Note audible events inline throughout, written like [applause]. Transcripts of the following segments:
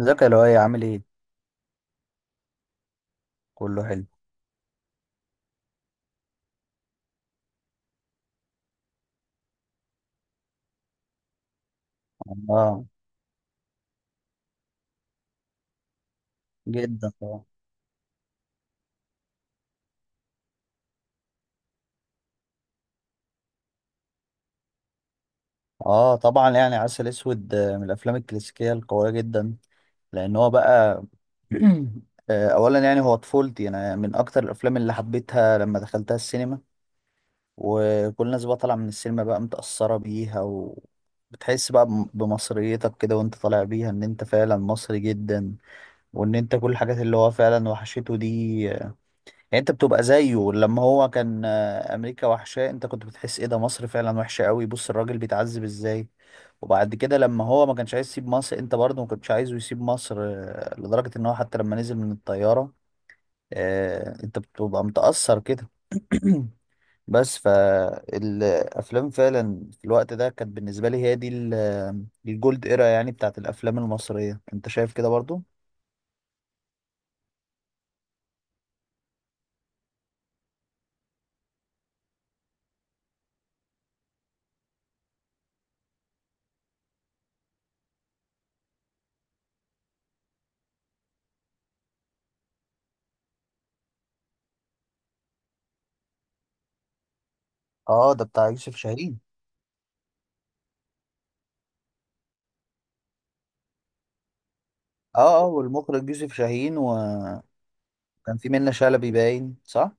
ازيك يا لؤي عامل ايه؟ كله حلو. اه جدا طبعا. اه طبعا يعني عسل اسود، من الافلام الكلاسيكيه القويه جدا. لان هو بقى [clears throat] اولا يعني هو طفولتي، انا من اكتر الافلام اللي حبيتها لما دخلتها السينما، وكل الناس بقى طالعه من السينما بقى متاثره بيها، وبتحس بقى بمصريتك كده وانت طالع بيها ان انت فعلا مصري جدا، وان انت كل الحاجات اللي هو فعلا وحشته دي. يعني انت بتبقى زيه لما هو كان، امريكا وحشاه، انت كنت بتحس ايه ده، مصر فعلا وحشه قوي، بص الراجل بيتعذب ازاي. وبعد كده لما هو ما كانش عايز يسيب مصر، انت برضه ما كنتش عايزه يسيب مصر، لدرجه ان هو حتى لما نزل من الطياره، انت بتبقى متاثر كده. [clears throat] بس فالافلام فعلا في الوقت ده كانت بالنسبه لي هي دي الجولد ايرا يعني بتاعت الافلام المصريه، انت شايف كده برضه؟ اه ده بتاع يوسف شاهين. اه اه، والمخرج يوسف شاهين و... كان في منة شلبي باين، صح؟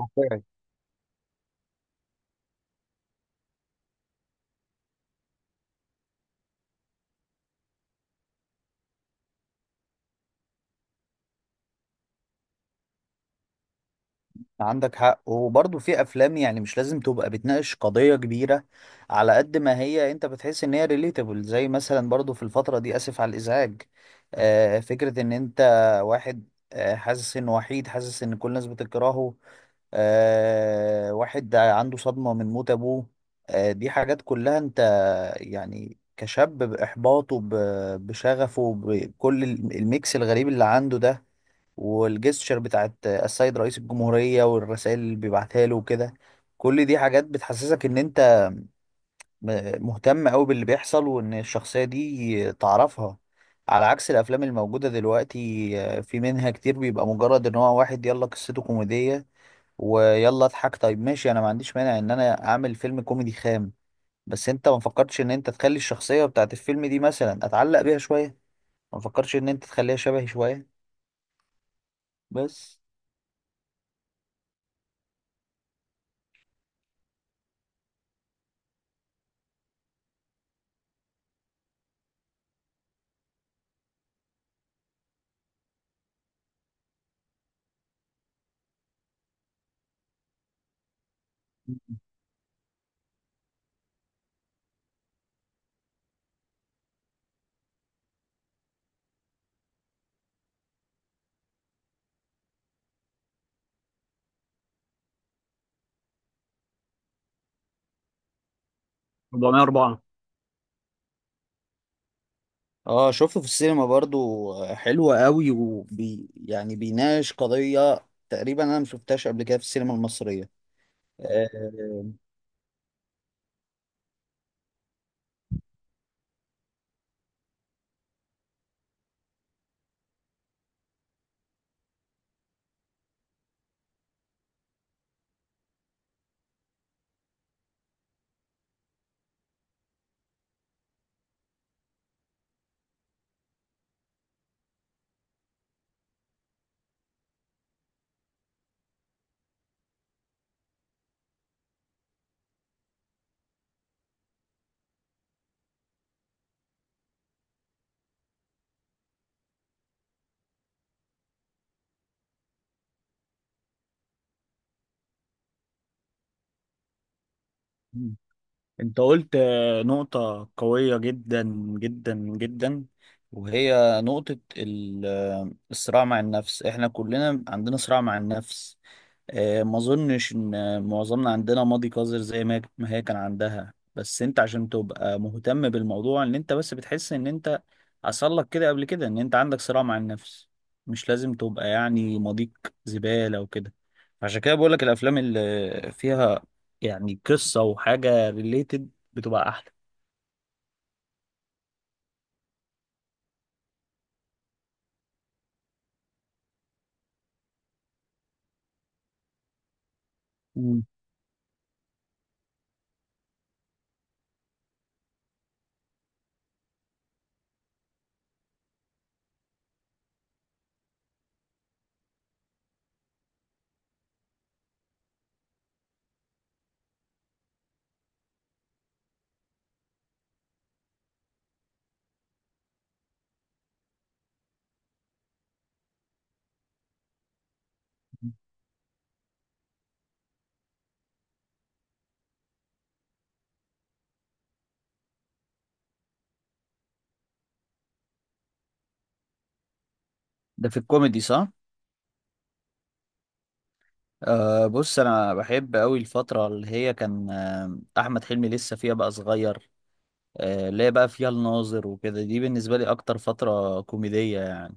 اوكي. عندك حق، وبرضه في افلام يعني مش لازم تبقى بتناقش قضية كبيرة، على قد ما هي انت بتحس ان هي ريليتابل. زي مثلا برضه في الفترة دي، اسف على الازعاج، آه، فكرة ان انت واحد آه حاسس انه وحيد، حاسس ان كل الناس بتكرهه، آه، واحد عنده صدمة من موت ابوه، آه دي حاجات كلها انت يعني كشاب بإحباطه، بشغفه، بكل الميكس الغريب اللي عنده ده، والجستشر بتاعت السيد رئيس الجمهورية والرسائل اللي بيبعتها له وكده، كل دي حاجات بتحسسك ان انت مهتم قوي باللي بيحصل، وان الشخصية دي تعرفها. على عكس الافلام الموجودة دلوقتي، في منها كتير بيبقى مجرد ان هو واحد، يلا قصته كوميدية ويلا اضحك. طيب ماشي، انا ما عنديش مانع ان انا اعمل فيلم كوميدي خام، بس انت ما فكرتش ان انت تخلي الشخصية بتاعت الفيلم دي مثلا اتعلق بيها شوية، ما فكرتش ان انت تخليها شبهي شوية. بس 404. اه شفته في السينما برضو. حلو قوي، وبي يعني بيناقش قضية تقريبا انا ما شفتهاش قبل كده في السينما المصرية. آه، انت قلت نقطة قوية جدا، جدا جدا. وهي نقطة الصراع مع النفس. احنا كلنا عندنا صراع مع النفس. ما اظنش ان معظمنا عندنا ماضي قذر زي ما ما هي كان عندها، بس انت عشان تبقى مهتم بالموضوع، ان انت بس بتحس ان انت حصل لك كده قبل كده، ان انت عندك صراع مع النفس. مش لازم تبقى يعني ماضيك زبالة وكده. عشان كده بقول لك الافلام اللي فيها يعني قصة وحاجة ريليتد بتبقى احلى. مم. ده في الكوميدي صح؟ أه، بص، انا بحب قوي الفترة اللي هي كان احمد حلمي لسه فيها بقى صغير، اللي هي بقى فيها الناظر وكده، دي بالنسبة لي أكتر فترة كوميدية يعني.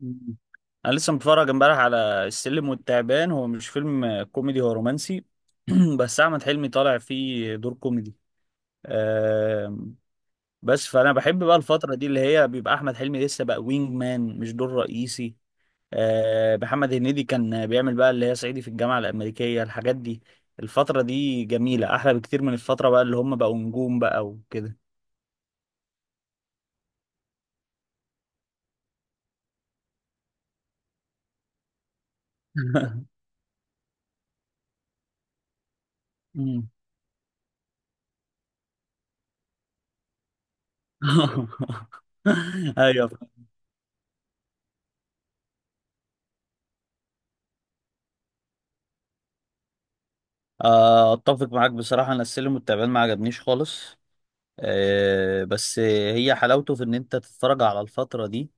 مم. أنا لسه متفرج امبارح على السلم والتعبان. هو مش فيلم كوميدي، هو رومانسي، [clears throat] بس أحمد حلمي طالع فيه دور كوميدي. آم، بس فأنا بحب بقى الفترة دي اللي هي بيبقى أحمد حلمي لسه بقى وينج مان، مش دور رئيسي. محمد هنيدي كان بيعمل بقى اللي هي صعيدي في الجامعة الأمريكية، الحاجات دي. الفترة دي جميلة، أحلى بكتير من الفترة بقى اللي هم بقوا نجوم بقى وكده. [laughs] مم. [laughs] ايوه. اتفق معاك بصراحه، انا السلم والتعبان ما عجبنيش خالص. بس هي حلاوته في ان انت تتفرج على الفتره دي.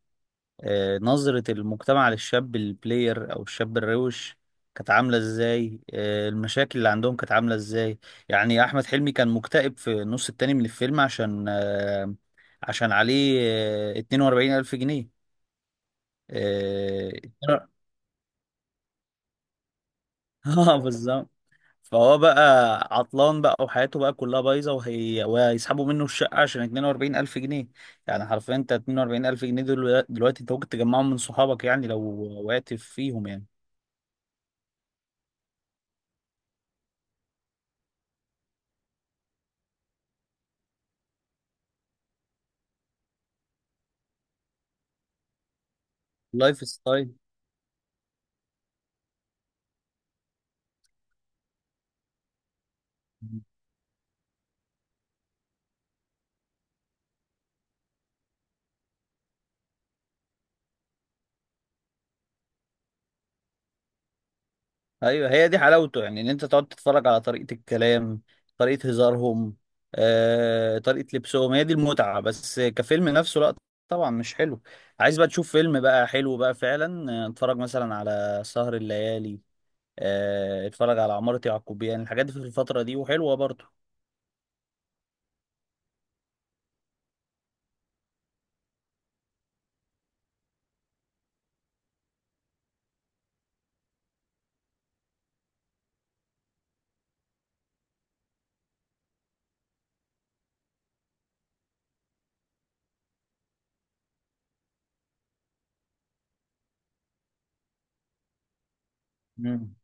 نظره المجتمع للشاب البلاير او الشاب الروش كانت عامله ازاي، المشاكل اللي عندهم كانت عامله ازاي. يعني احمد حلمي كان مكتئب في النص التاني من الفيلم عشان عشان عليه 42000 جنيه. آه، [laughs] اه بالظبط. فهو بقى عطلان بقى، وحياته بقى كلها بايظه، وهي وهيسحبوا منه الشقه عشان 42000 جنيه. يعني حرفيا انت 42000 جنيه دول دلوقتي انت ممكن تجمعهم من صحابك يعني لو وقعت فيهم يعني. لايف ستايل. ايوه، هي دي حلاوته، يعني ان انت تقعد تتفرج على طريقه الكلام، طريقه هزارهم، طريقه لبسهم، هي دي المتعه. بس كفيلم نفسه لا، طبعا مش حلو. عايز بقى تشوف فيلم بقى حلو بقى فعلا، اتفرج مثلا على سهر الليالي، اتفرج على عمارة يعقوبيان يعني، الحاجات دي في الفترة دي وحلوة برضو. مم.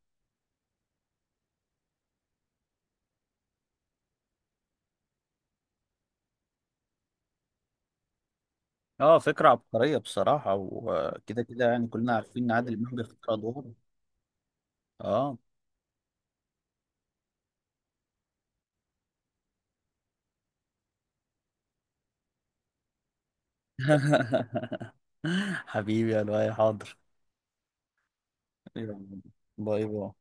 اه فكرة عبقرية بصراحة، وكده كده يعني كلنا عارفين ان عادل امام بيختار ادواره. اه. [laughs] حبيبي يا لؤي، حاضر. يلا، باي باي.